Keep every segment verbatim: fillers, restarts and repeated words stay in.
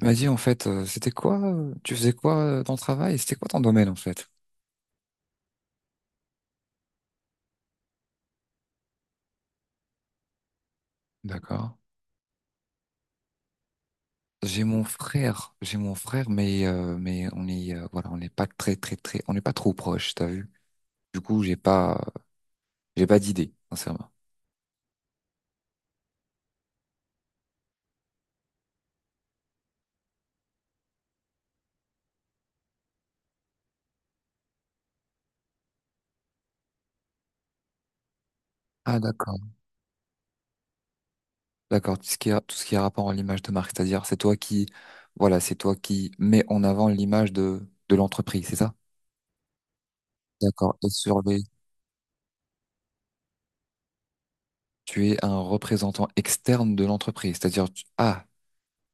Il m'a dit, en fait, euh, c'était quoi, euh, tu faisais quoi euh, dans le travail? et C'était quoi ton domaine, en fait? D'accord. J'ai mon frère, j'ai mon frère, mais, euh, mais on est, euh, voilà, on n'est pas très, très, très, on n'est pas trop proche, t'as vu? Du coup, j'ai pas, j'ai pas d'idée, sincèrement. Ah, d'accord. D'accord. Tout ce qui a, tout ce qui a rapport à l'image de marque, c'est-à-dire, c'est toi qui, voilà, c'est toi qui mets en avant l'image de, de l'entreprise, c'est ça? D'accord. Et sur les, tu es un représentant externe de l'entreprise, c'est-à-dire, tu- ah,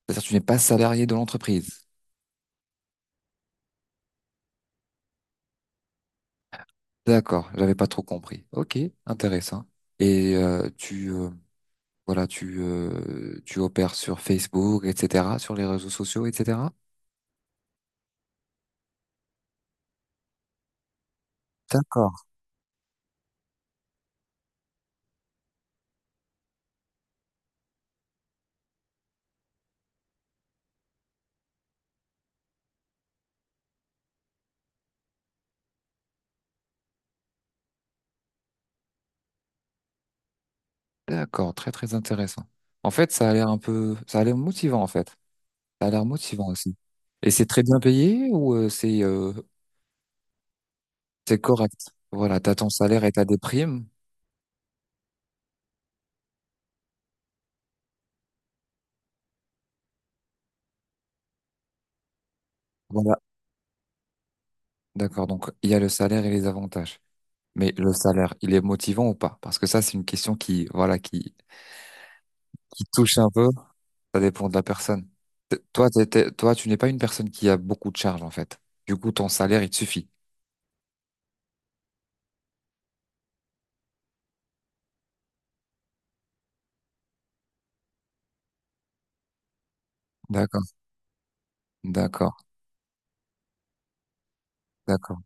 c'est-à-dire, tu n'es pas salarié de l'entreprise. D'accord, j'avais pas trop compris. Ok, intéressant. Et euh, tu euh, voilà, tu euh, tu opères sur Facebook, et cetera, sur les réseaux sociaux, et cetera. D'accord. D'accord, très très intéressant. En fait, ça a l'air un peu, ça a l'air motivant en fait. Ça a l'air motivant aussi. Et c'est très bien payé ou euh, c'est euh, c'est correct? Voilà, t'as ton salaire et t'as des primes. Voilà. D'accord, donc il y a le salaire et les avantages. Mais le salaire, il est motivant ou pas? Parce que ça, c'est une question qui voilà qui qui touche un peu. Ça dépend de la personne. T- Toi, t'es- t'es- toi, tu n'es pas une personne qui a beaucoup de charges, en fait. Du coup, ton salaire, il te suffit. D'accord, d'accord, d'accord,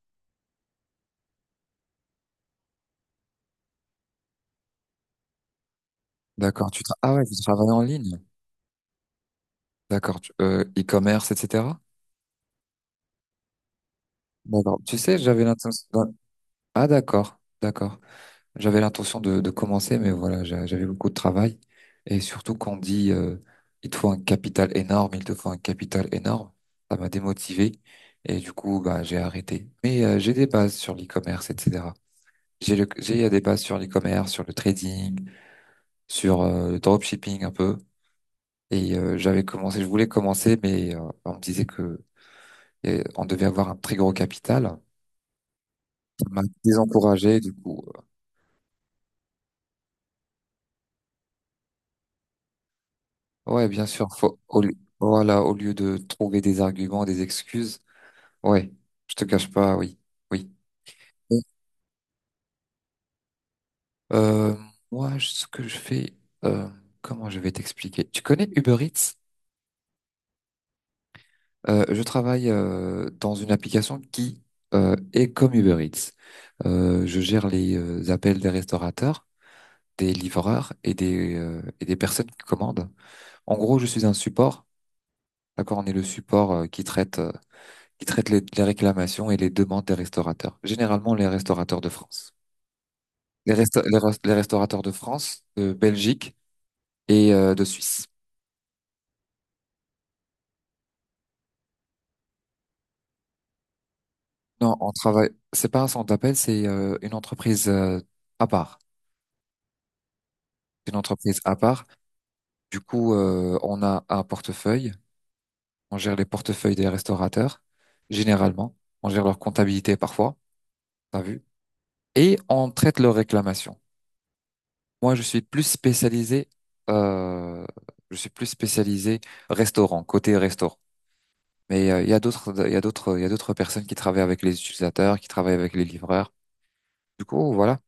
d'accord. Tu tra- Ah ouais, tu travailles en ligne. D'accord, tu- euh, e-commerce, et cetera. D'accord. Tu sais, j'avais l'intention. Ah d'accord, d'accord. J'avais l'intention de, de commencer, mais voilà, j'a- j'avais beaucoup de travail. Et surtout, qu'on dit, euh, il te faut un capital énorme, il te faut un capital énorme, ça m'a démotivé. Et du coup, bah, j'ai arrêté. Mais euh, j'ai des bases sur l'e-commerce, et cetera. J'ai le- j'ai eu un débat sur l'e-commerce, sur le trading, sur euh, le dropshipping un peu. Et euh, j'avais commencé, je voulais commencer, mais euh, on me disait que euh, on devait avoir un très gros capital. Ça m'a désencouragé, du coup. euh, Ouais, bien sûr. Faut, au, lieu- voilà, au lieu de trouver des arguments, des excuses. Ouais, je te cache pas, oui, oui. Bon, Euh, moi, je- ce que je fais, euh, comment je vais t'expliquer? Tu connais Uber Eats? Euh, je travaille euh, dans une application qui euh, est comme Uber Eats. Euh, je gère les euh, appels des restaurateurs, des livreurs et des, euh, et des personnes qui commandent. En gros, je suis un support. D'accord, on est le support euh, qui traite, euh, qui traite les, les réclamations et les demandes des restaurateurs. Généralement, les restaurateurs de France. Les, resta- les, res- les restaurateurs de France, de Belgique et euh, de Suisse. Non, on travaille. C'est pas un centre d'appel, c'est euh, une entreprise euh, à part. C'est une entreprise à part. Du coup, euh, on a un portefeuille. On gère les portefeuilles des restaurateurs, généralement. On gère leur comptabilité parfois, t'as vu. Et on traite leurs réclamations. Moi, je suis plus spécialisé, euh, je suis plus spécialisé restaurant, côté restaurant. Mais euh, il y a d'autres, il y a d'autres, il y a d'autres personnes qui travaillent avec les utilisateurs, qui travaillent avec les livreurs. Du coup, voilà.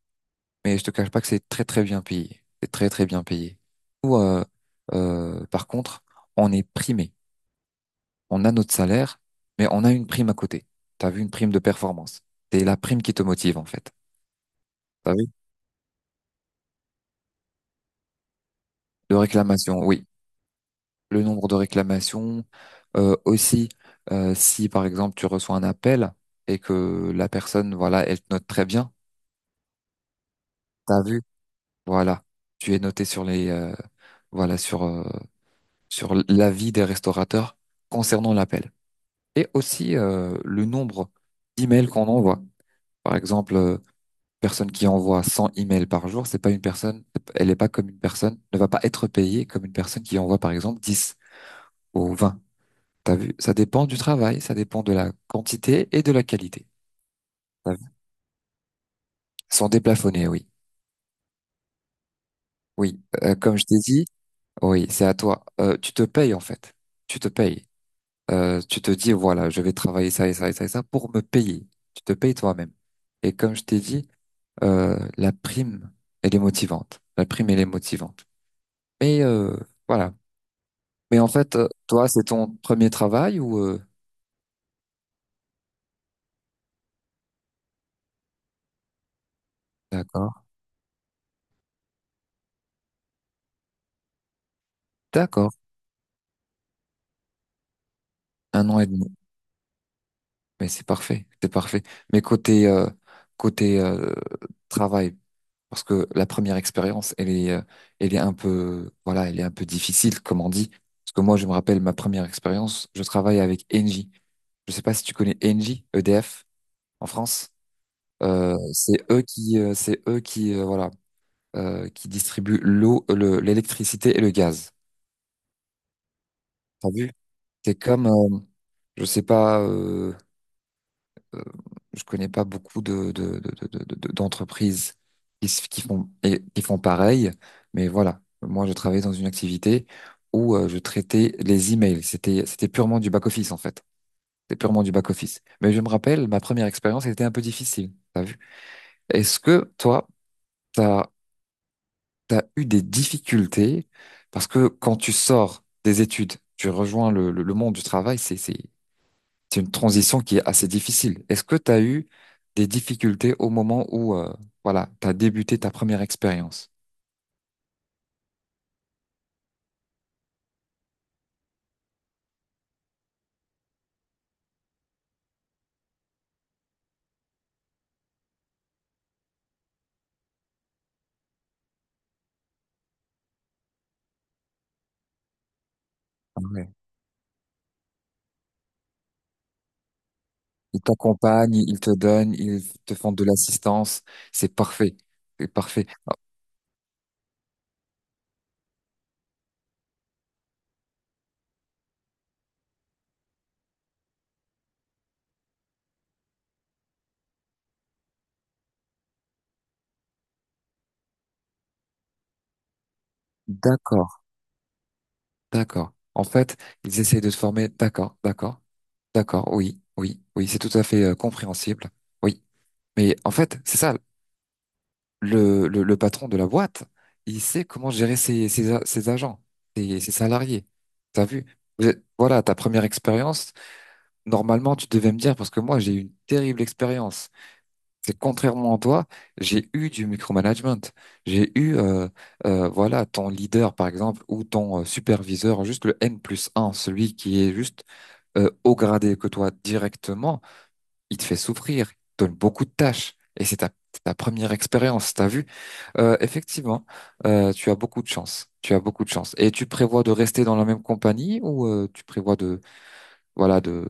Mais je te cache pas que c'est très très bien payé. C'est très très bien payé. Nous, euh, euh, par contre, on est primé. On a notre salaire, mais on a une prime à côté. T'as vu une prime de performance. C'est la prime qui te motive, en fait. T'as vu? De réclamation, oui. Le nombre de réclamations, euh, aussi, euh, si par exemple tu reçois un appel et que la personne, voilà, elle te note très bien. T'as vu? Voilà. Tu es noté sur les, euh, voilà, sur, euh, sur l'avis des restaurateurs concernant l'appel. Et aussi, euh, le nombre d'emails qu'on envoie. Par exemple, euh, personne qui envoie cent emails par jour, c'est pas une personne, elle est pas comme une personne, ne va pas être payée comme une personne qui envoie par exemple dix ou vingt. T'as vu? Ça dépend du travail, ça dépend de la quantité et de la qualité. T'as vu. Ils sont déplafonnés, oui. Oui, Euh, comme je t'ai dit, oui, c'est à toi. Euh, tu te payes en fait. Tu te payes. Euh, tu te dis, voilà, je vais travailler ça et ça et ça et ça pour me payer. Tu te payes toi-même. Et comme je t'ai dit, euh, la prime, elle est motivante. La prime, elle est motivante. Mais euh, voilà, mais en fait, euh, toi, c'est ton premier travail ou euh, D'accord. D'accord. Un an et demi. Mais c'est parfait. C'est parfait. Mais côté euh, côté euh, travail, parce que la première expérience, elle est euh, elle est un peu voilà, elle est un peu difficile, comme on dit. Parce que moi, je me rappelle ma première expérience, je travaille avec Engie. Je sais pas si tu connais Engie, E D F en France. Euh, c'est eux qui euh, c'est eux qui euh, voilà euh, qui distribuent l'eau, le- l'électricité et le gaz. T'as vu? C'est comme euh, Je sais pas, euh, euh, je connais pas beaucoup de, de, de, de, de- de- d'entreprises qui, se- qui font, et, qui font pareil, mais voilà. Moi, je travaillais dans une activité où euh, je traitais les emails. C'était, c'était purement du back-office, en fait. C'était purement du back-office. Mais je me rappelle, ma première expérience était un peu difficile. T'as vu? Est-ce que toi, t'as, t'as eu des difficultés? Parce que quand tu sors des études, tu rejoins le, le, le monde du travail, c'est, c'est, c'est une transition qui est assez difficile. Est-ce que tu as eu des difficultés au moment où euh, voilà, tu as débuté ta première expérience? Ah ouais. Ils t'accompagnent, ils te donnent, ils te font de l'assistance. C'est parfait. C'est parfait. Ah, d'accord, d'accord. En fait, ils essayent de te former. D'accord, d'accord, d'accord. Oui, oui, oui, c'est tout à fait euh, compréhensible. Oui. Mais en fait, c'est ça. le, le, le patron de la boîte, il sait comment gérer ses, ses, a- ses agents, ses, ses salariés. T'as vu? Vous êtes- voilà, ta première expérience, normalement, tu devais me dire, parce que moi, j'ai eu une terrible expérience. C'est contrairement à toi, j'ai eu du micromanagement. J'ai eu, euh, euh, voilà, ton leader, par exemple, ou ton euh, superviseur, juste le N plus un, celui qui est juste euh, au gradé que toi directement, il te fait souffrir, il te donne beaucoup de tâches. Et c'est ta, c'est ta première expérience, t'as vu? Euh, effectivement, euh, tu as beaucoup de chance. Tu as beaucoup de chance. Et tu prévois de rester dans la même compagnie ou euh, tu prévois de, voilà, de...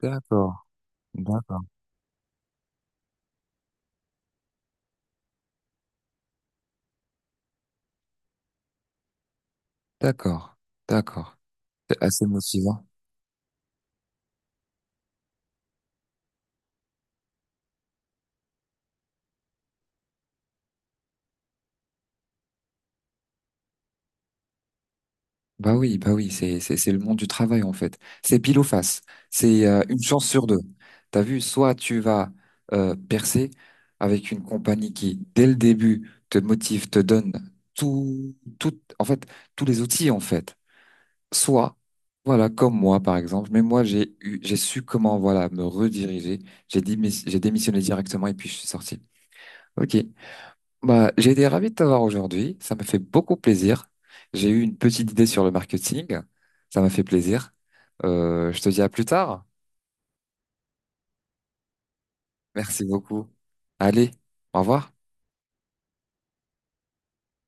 D'accord, d'accord, d'accord, d'accord. C'est assez motivant. Bah oui, bah oui, c'est c'est c'est le monde du travail en fait. C'est pile ou face. C'est euh, une chance sur deux. T'as vu, soit tu vas euh, percer avec une compagnie qui, dès le début, te motive, te donne tout, tout, en fait, tous les outils en fait. Soit, voilà, comme moi par exemple. Mais moi, j'ai eu, j'ai su comment voilà me rediriger. J'ai démis- j'ai démissionné directement et puis je suis sorti. Ok. Bah, j'ai été ravi de t'avoir aujourd'hui. Ça m'a fait beaucoup plaisir. J'ai eu une petite idée sur le marketing. Ça m'a fait plaisir. Euh, je te dis à plus tard. Merci beaucoup. Allez, au revoir.